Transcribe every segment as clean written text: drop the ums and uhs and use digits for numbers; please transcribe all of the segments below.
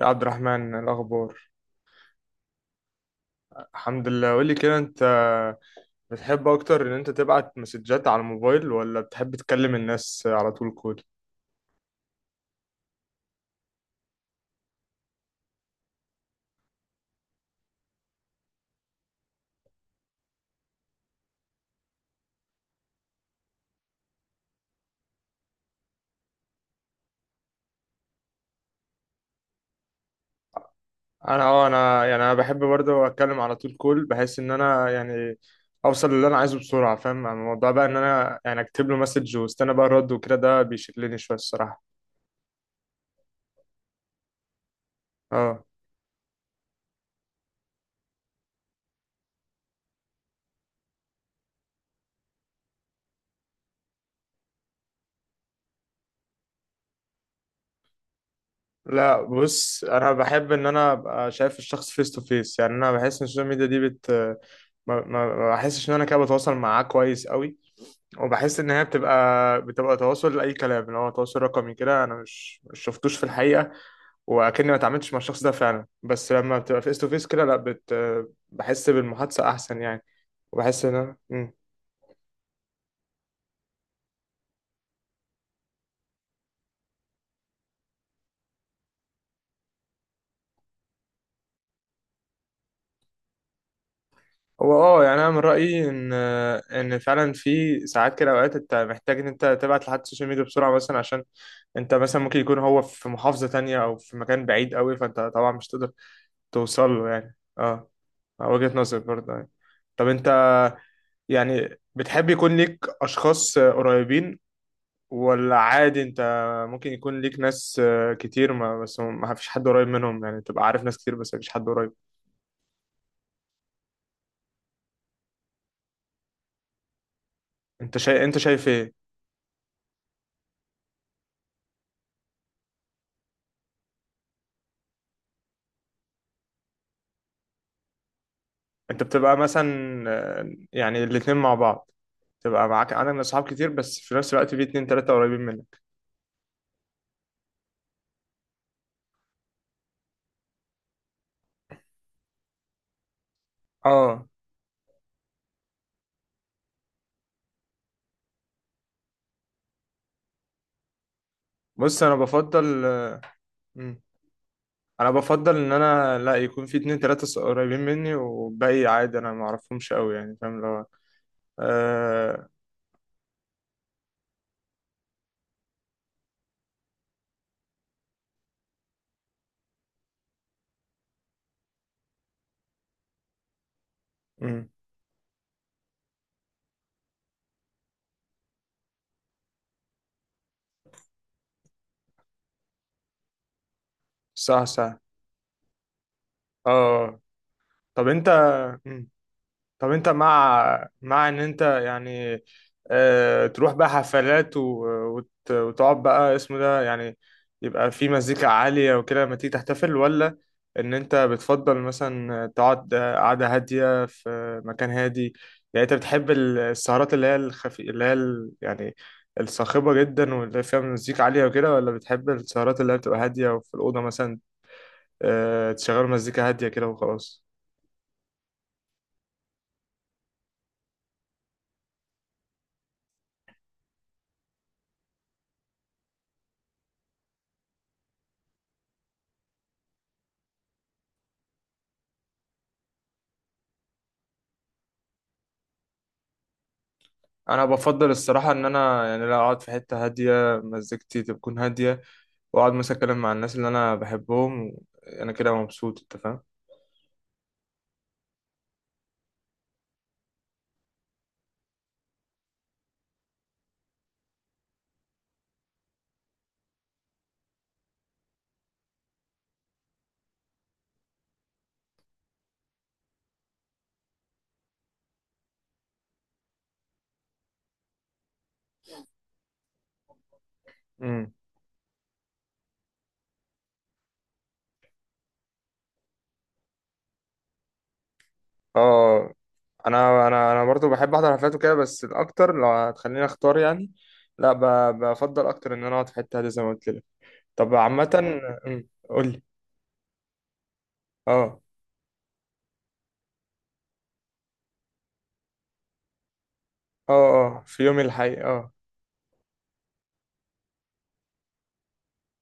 يا عبد الرحمن الأخبار. الحمد لله. قولي كده، أنت بتحب أكتر إن أنت تبعت مسجات على الموبايل ولا بتحب تكلم الناس على طول كول؟ أنا أه أنا يعني أنا بحب برضه أتكلم على طول كول، بحيث إن أنا يعني أوصل للي أنا عايزه بسرعة، فاهم؟ أما الموضوع بقى إن أنا يعني أكتب له مسج واستنى بقى الرد وكده، ده بيشغلني شوية الصراحة. أه. لا بص، أنا بحب إن أنا أبقى شايف الشخص فيس تو فيس. يعني أنا بحس إن السوشيال ميديا دي بت ما بحسش ان انا كده بتواصل معاه كويس قوي، وبحس ان هي بتبقى تواصل لاي كلام، اللي هو تواصل رقمي كده، انا مش شفتوش في الحقيقه، واكني ما اتعاملتش مع الشخص ده فعلا. بس لما بتبقى فيس تو فيس كده لا، بت بحس بالمحادثه احسن يعني. وبحس ان هو اه يعني انا من رايي ان فعلا في ساعات كده، اوقات انت محتاج ان انت تبعت لحد السوشيال ميديا بسرعه، مثلا عشان انت مثلا ممكن يكون هو في محافظه تانية او في مكان بعيد قوي، فانت طبعا مش تقدر توصل له يعني. اه، وجهه نظر برضه يعني. طب انت، يعني بتحب يكون ليك أشخاص قريبين ولا عادي أنت ممكن يكون ليك ناس كتير، ما بس ما فيش حد قريب منهم؟ يعني تبقى عارف ناس كتير بس ما فيش حد قريب. أنت شايف إيه؟ أنت بتبقى مثلا، يعني الاتنين مع بعض، تبقى معاك أنا من أصحاب كتير بس في نفس الوقت في اتنين تلاتة قريبين منك. آه. بص أنا بفضل. مم. أنا بفضل إن أنا لا يكون في اتنين تلاتة قريبين مني والباقي عادي أنا معرفهمش أوي، يعني فاهم اللي هو. آه. مم. صح صح. اه. طب انت. مم. طب انت، مع ان انت يعني تروح بقى حفلات وتقعد بقى اسمه ده، يعني يبقى في مزيكا عالية وكده لما تيجي تحتفل، ولا ان انت بتفضل مثلا تقعد قعدة هادية في مكان هادي؟ يعني انت بتحب السهرات اللي هي الخفي، اللي هي يعني الصاخبة جدا واللي فيها مزيكا عالية وكده، ولا بتحب السهرات اللي هي بتبقى هادية وفي الأوضة مثلا تشغل مزيكا هادية كده وخلاص؟ انا بفضل الصراحه ان انا يعني لا اقعد في حته هاديه، مزيكتي تكون هاديه، واقعد مثلا اتكلم مع الناس اللي انا بحبهم و- انا كده مبسوط، انت فاهم. امم. اه، انا برضو بحب احضر حفلات وكده، بس الاكتر لو هتخليني اختار يعني، لا بفضل اكتر ان انا اقعد في حته هاديه زي ما قلت لك. طب عامه. أمم، قول لي. اه. اه. اه في يومي الحقيقي، اه.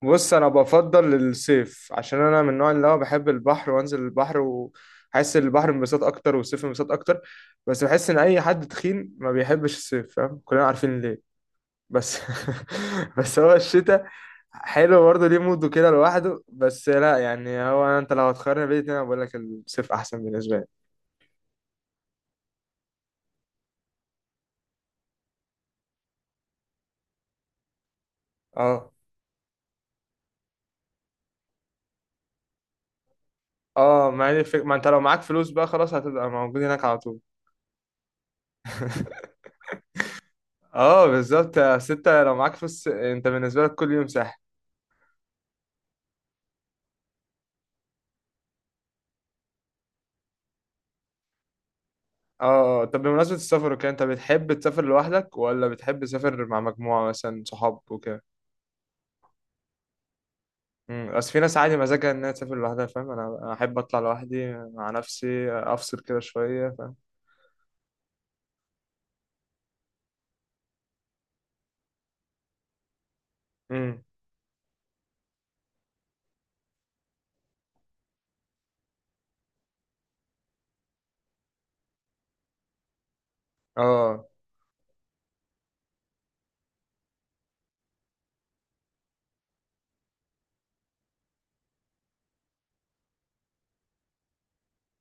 بص انا بفضل الصيف عشان انا من النوع اللي هو بحب البحر وانزل البحر، وحس البحر انبساط اكتر والصيف انبساط اكتر. بس بحس ان اي حد تخين ما بيحبش الصيف، فاهم كلنا عارفين ليه. بس بس هو الشتاء حلو برضه، ليه موده كده لوحده. بس لا يعني هو انت لو هتقارن بين الاتنين انا بقول لك الصيف احسن بالنسبه لي. اه. اه ما هي ما انت لو معاك فلوس بقى خلاص هتبقى موجود هناك على طول. اه بالظبط يا ستة، لو معاك فلوس انت بالنسبه لك كل يوم سهل. اه. آه. طب بمناسبة السفر وكده، انت بتحب تسافر لوحدك ولا بتحب تسافر مع مجموعة مثلا صحاب وكده؟ امم، بس في ناس عادي مزاجها انها تسافر لوحدها، فاهم؟ أنا احب اطلع لوحدي مع نفسي، افصل كده شوية فاهم. امم. اه. آه.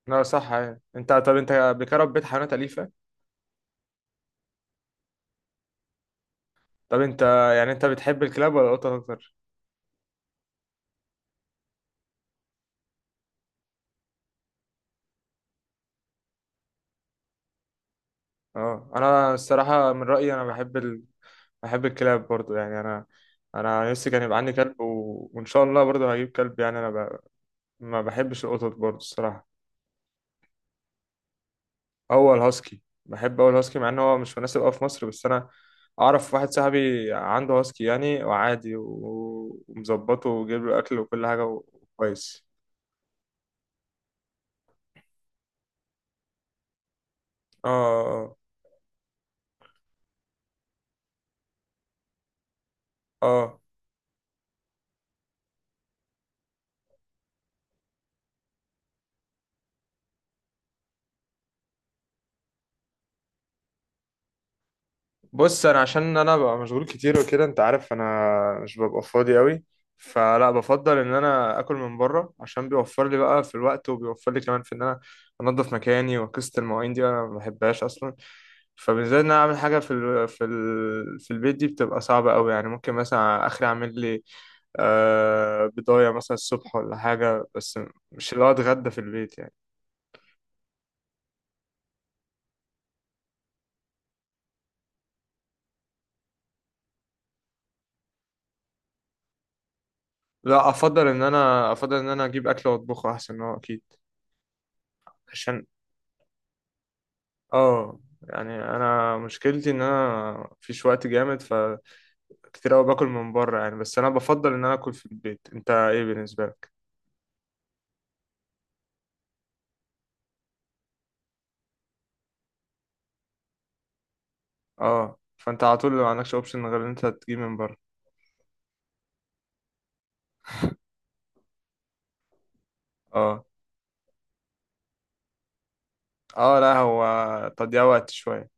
لا صح. يعني انت، طب انت قبل كده ربيت حيوانات أليفة؟ طب انت، يعني انت بتحب الكلاب ولا القطط اكتر؟ اه انا الصراحة من رأيي انا بحب بحب الكلاب برضو يعني. انا انا نفسي كان يبقى عندي كلب و- وان شاء الله برضو هجيب كلب، يعني ما بحبش القطط برضو الصراحة. هو الهاسكي. بحب أوي الهاسكي، مع إن هو مش مناسب أوي في مصر، بس أنا أعرف واحد صاحبي عنده هاسكي يعني، وعادي و- ومظبطه وجايب له أكل وكل حاجة وكويس. آه. آه. آه. بص انا عشان انا ببقى مشغول كتير وكده، انت عارف انا مش ببقى فاضي قوي، فلا بفضل ان انا اكل من بره عشان بيوفر لي بقى في الوقت، وبيوفر لي كمان في ان انا انضف مكاني، وقصه المواعين دي انا ما بحبهاش اصلا. فبالذات ان انا اعمل حاجه في في البيت دي بتبقى صعبه قوي يعني. ممكن مثلا اخري اعمل لي بضايه مثلا الصبح ولا حاجه، بس مش اللي هو اتغدى في البيت يعني. لا افضل ان انا، اجيب اكل واطبخه احسن هو اكيد. عشان اه يعني انا مشكلتي ان انا مفيش وقت جامد، فكتير قوي باكل من بره يعني، بس انا بفضل ان انا اكل في البيت. انت ايه بالنسبه لك؟ اه. فانت على طول ما عندكش اوبشن غير ان انت تجيب من بره. اه. اه لا هو تضييع وقت شويه.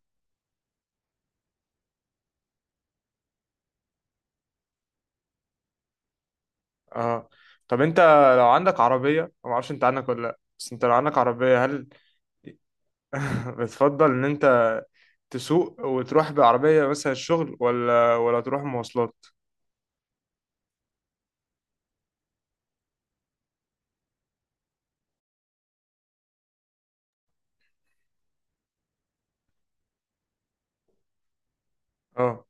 اه. طب انت لو عندك عربيه، أنا ما اعرفش انت عندك ولا لا، بس انت لو عندك عربيه هل بتفضل ان انت تسوق وتروح بعربيه مثلا الشغل، ولا تروح مواصلات؟ اه،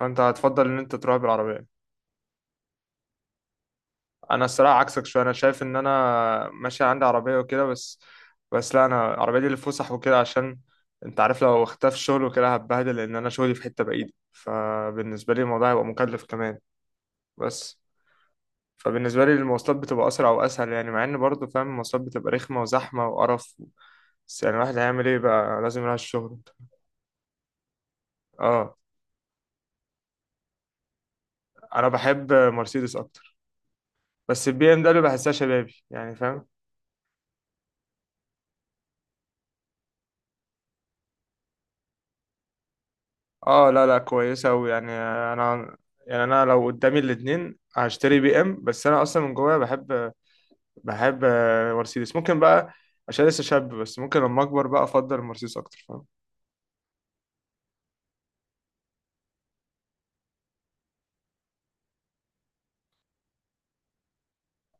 فانت هتفضل ان انت تروح بالعربيه. انا الصراحه عكسك شويه. انا شايف ان انا ماشي عندي عربيه وكده، بس لا انا العربيه دي للفسح وكده، عشان انت عارف لو اختفى الشغل وكده هتبهدل، لان انا شغلي في حته بعيده، فبالنسبه لي الموضوع هيبقى مكلف كمان. بس فبالنسبه لي المواصلات بتبقى اسرع واسهل يعني، مع ان برضه فاهم المواصلات بتبقى رخمه وزحمه وقرف، بس يعني الواحد هيعمل ايه بقى لازم يروح الشغل. اه. انا بحب مرسيدس اكتر، بس البي ام دبليو بحسها شبابي يعني فاهم. اه لا لا، كويسة أوي يعني. أنا، يعني أنا لو قدامي الاتنين هشتري بي إم، بس أنا أصلا من جوايا بحب مرسيدس. ممكن بقى عشان لسه شاب، بس ممكن لما أكبر بقى أفضل مرسيدس أكتر فاهم.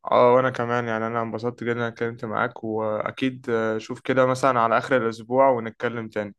اه وأنا كمان، يعني أنا انبسطت جدا إن أنا اتكلمت معاك، وأكيد شوف كده مثلا على آخر الأسبوع ونتكلم تاني.